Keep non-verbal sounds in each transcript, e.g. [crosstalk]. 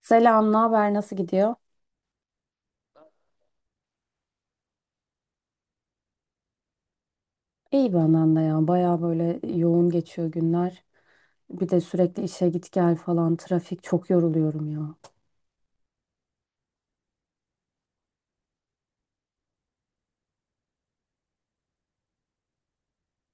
Selam, ne haber? Nasıl gidiyor? İyi benden de ya. Baya böyle yoğun geçiyor günler. Bir de sürekli işe git gel falan. Trafik çok yoruluyorum ya.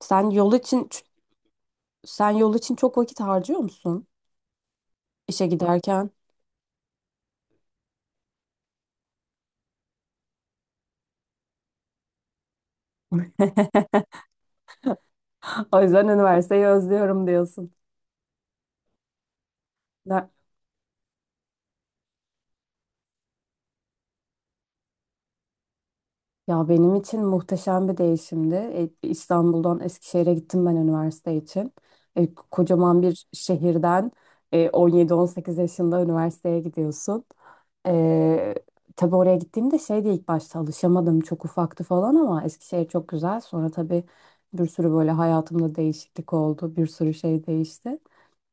Sen yol için sen yol için çok vakit harcıyor musun işe giderken? [laughs] O yüzden üniversiteyi özlüyorum diyorsun. Ne- Ya benim için muhteşem bir değişimdi. İstanbul'dan Eskişehir'e gittim ben üniversite için. Kocaman bir şehirden 17-18 yaşında üniversiteye gidiyorsun. E, tabii oraya gittiğimde şeydi ilk başta alışamadım. Çok ufaktı falan ama Eskişehir çok güzel. Sonra tabii bir sürü böyle hayatımda değişiklik oldu. Bir sürü şey değişti.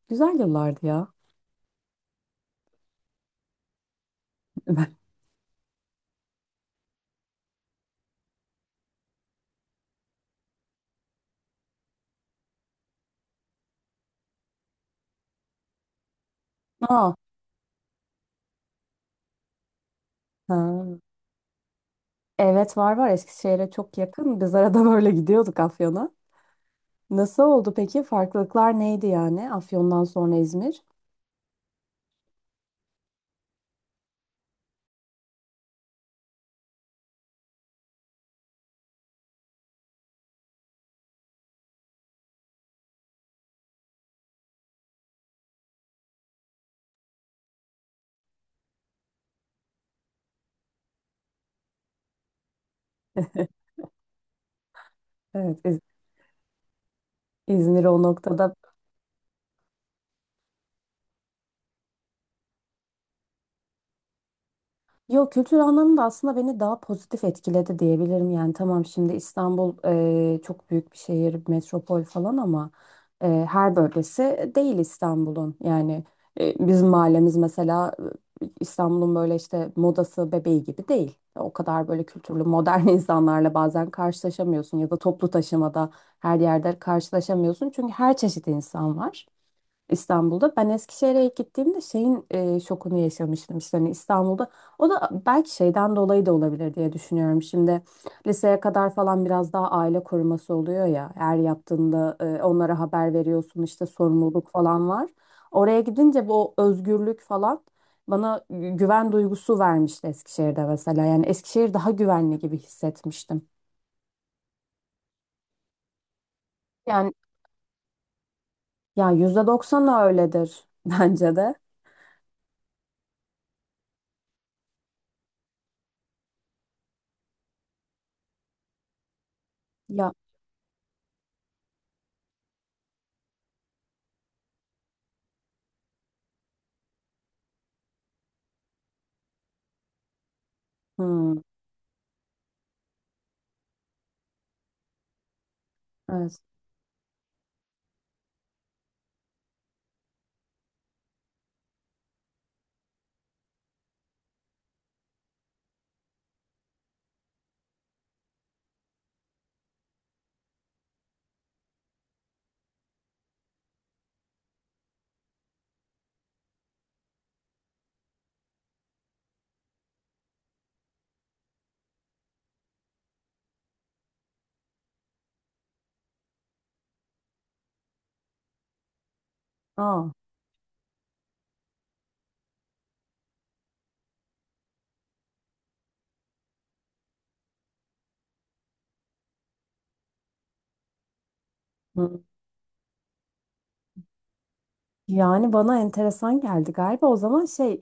Güzel yıllardı ya. [laughs] Aa, ha. Evet, var var, Eskişehir'e çok yakın. Biz arada böyle gidiyorduk Afyon'a. Nasıl oldu peki? Farklılıklar neydi yani Afyon'dan sonra İzmir? [laughs] Evet, İz- İzmir o noktada yok, kültür anlamında aslında beni daha pozitif etkiledi diyebilirim. Yani tamam şimdi İstanbul çok büyük bir şehir, metropol falan ama her bölgesi değil İstanbul'un. Yani bizim mahallemiz mesela İstanbul'un böyle işte modası bebeği gibi değil. O kadar böyle kültürlü modern [laughs] insanlarla bazen karşılaşamıyorsun ya da toplu taşımada her yerde karşılaşamıyorsun. Çünkü her çeşit insan var İstanbul'da. Ben Eskişehir'e ilk gittiğimde şeyin şokunu yaşamıştım işte hani İstanbul'da. O da belki şeyden dolayı da olabilir diye düşünüyorum. Şimdi liseye kadar falan biraz daha aile koruması oluyor ya. Eğer yaptığında onlara haber veriyorsun işte sorumluluk falan var. Oraya gidince bu özgürlük falan bana güven duygusu vermişti Eskişehir'de mesela. Yani Eskişehir daha güvenli gibi hissetmiştim. Yani ya %90 öyledir [laughs] bence de. Ya hmm, evet. Aa. Yani bana enteresan geldi galiba. O zaman şey,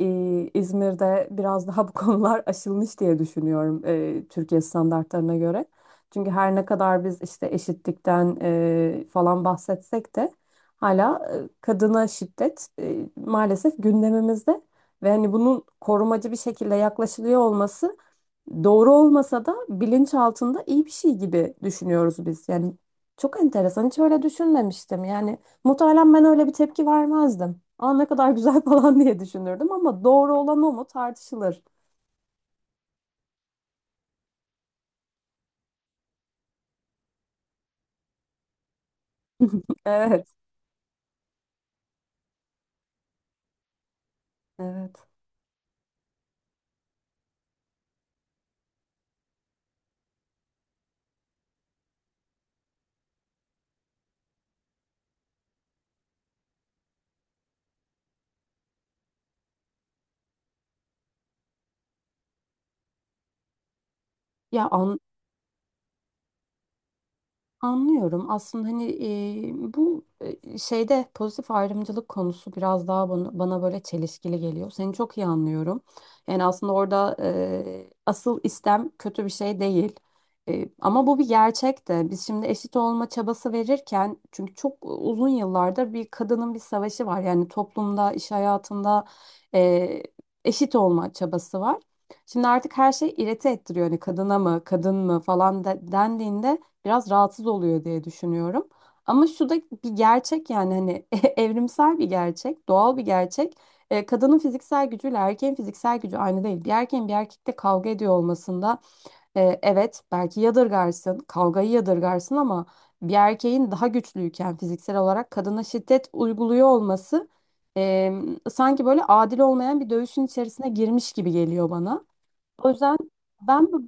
İzmir'de biraz daha bu [laughs] konular aşılmış diye düşünüyorum, Türkiye standartlarına göre. Çünkü her ne kadar biz işte eşitlikten falan bahsetsek de hala kadına şiddet maalesef gündemimizde ve hani bunun korumacı bir şekilde yaklaşılıyor olması doğru olmasa da bilinç altında iyi bir şey gibi düşünüyoruz biz. Yani çok enteresan. Hiç öyle düşünmemiştim. Yani muhtemelen ben öyle bir tepki vermezdim. Aa, ne kadar güzel [laughs] falan diye düşünürdüm ama doğru olan o mu tartışılır. [laughs] Evet, evet. Ya an- Anlıyorum. Aslında hani bu şeyde pozitif ayrımcılık konusu biraz daha bana böyle çelişkili geliyor. Seni çok iyi anlıyorum. Yani aslında orada asıl istem kötü bir şey değil. Ama bu bir gerçek de. Biz şimdi eşit olma çabası verirken çünkü çok uzun yıllardır bir kadının bir savaşı var. Yani toplumda, iş hayatında e, eşit olma çabası var. Şimdi artık her şey irite ettiriyor. Hani kadına mı, kadın mı falan dendiğinde biraz rahatsız oluyor diye düşünüyorum. Ama şu da bir gerçek yani hani [laughs] evrimsel bir gerçek, doğal bir gerçek. Kadının fiziksel gücüyle erkeğin fiziksel gücü aynı değil. Bir erkeğin bir erkekle kavga ediyor olmasında evet belki yadırgarsın, kavgayı yadırgarsın ama bir erkeğin daha güçlüyken fiziksel olarak kadına şiddet uyguluyor olması e, sanki böyle adil olmayan bir dövüşün içerisine girmiş gibi geliyor bana. O yüzden ben bu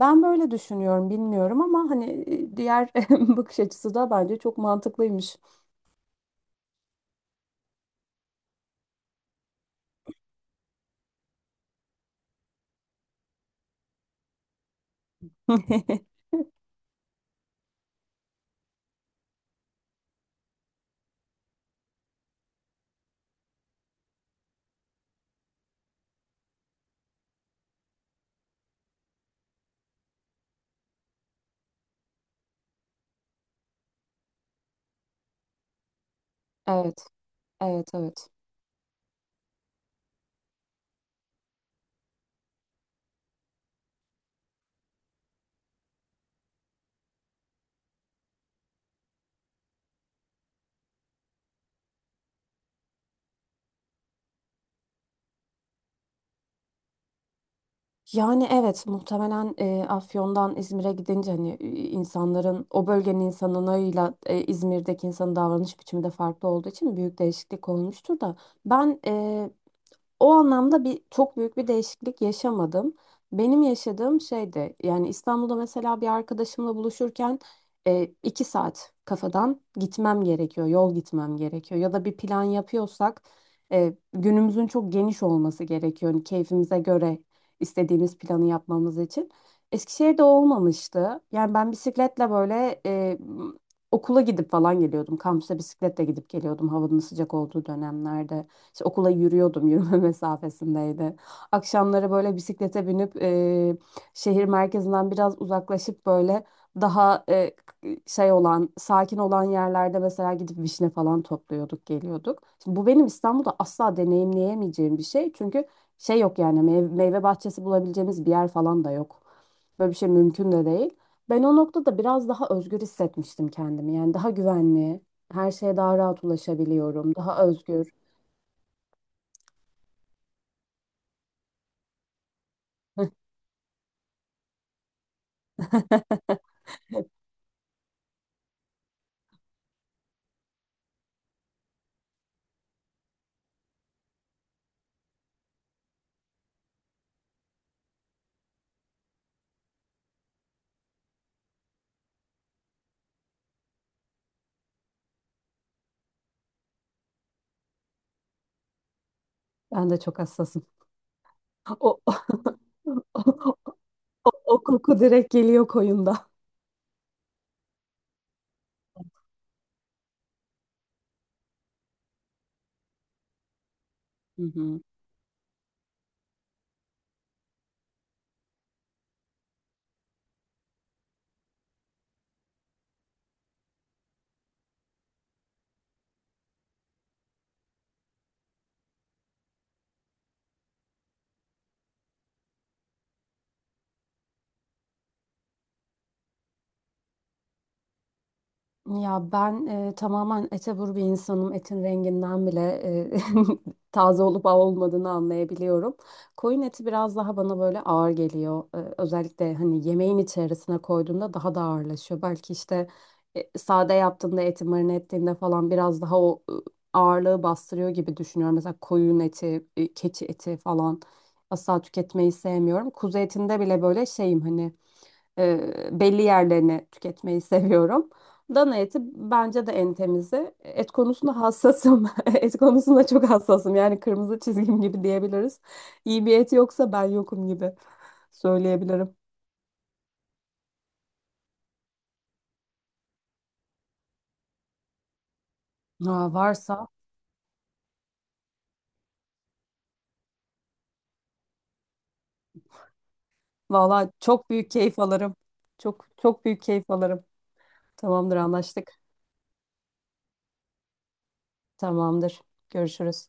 ben böyle düşünüyorum, bilmiyorum ama hani diğer [laughs] bakış açısı da bence çok mantıklıymış. [laughs] Evet, evet, evet. Yani evet muhtemelen Afyon'dan İzmir'e gidince hani insanların o bölgenin insanıyla İzmir'deki insanın davranış biçimi de farklı olduğu için büyük değişiklik olmuştur da ben o anlamda bir çok büyük bir değişiklik yaşamadım. Benim yaşadığım şey de yani İstanbul'da mesela bir arkadaşımla buluşurken iki saat kafadan gitmem gerekiyor, yol gitmem gerekiyor. Ya da bir plan yapıyorsak günümüzün çok geniş olması gerekiyor. Hani keyfimize göre istediğimiz planı yapmamız için. Eskişehir'de o olmamıştı. Yani ben bisikletle böyle okula gidip falan geliyordum. Kampüse bisikletle gidip geliyordum havanın sıcak olduğu dönemlerde. İşte okula yürüyordum, yürüme [laughs] mesafesindeydi. Akşamları böyle bisiklete binip şehir merkezinden biraz uzaklaşıp böyle daha şey olan, sakin olan yerlerde mesela gidip vişne falan topluyorduk, geliyorduk. Şimdi bu benim İstanbul'da asla deneyimleyemeyeceğim bir şey. Çünkü şey yok yani meyve bahçesi bulabileceğimiz bir yer falan da yok. Böyle bir şey mümkün de değil. Ben o noktada biraz daha özgür hissetmiştim kendimi. Yani daha güvenli, her şeye daha rahat ulaşabiliyorum, daha özgür. Ben de çok hassasım. [laughs] O, o, o koku direkt geliyor koyunda. Hı hı. Ya ben tamamen ete vur bir insanım. Etin renginden bile e, [laughs] taze olup olmadığını anlayabiliyorum. Koyun eti biraz daha bana böyle ağır geliyor. E, özellikle hani yemeğin içerisine koyduğunda daha da ağırlaşıyor. Belki işte sade yaptığında eti marine ettiğinde falan biraz daha o ağırlığı bastırıyor gibi düşünüyorum. Mesela koyun eti, keçi eti falan asla tüketmeyi sevmiyorum. Kuzu etinde bile böyle şeyim hani belli yerlerini tüketmeyi seviyorum. Dana eti bence de en temizi. Et konusunda hassasım. [laughs] Et konusunda çok hassasım. Yani kırmızı çizgim gibi diyebiliriz. İyi bir et yoksa ben yokum gibi söyleyebilirim. Aa, varsa valla çok büyük keyif alırım. Çok çok büyük keyif alırım. Tamamdır anlaştık. Tamamdır. Görüşürüz.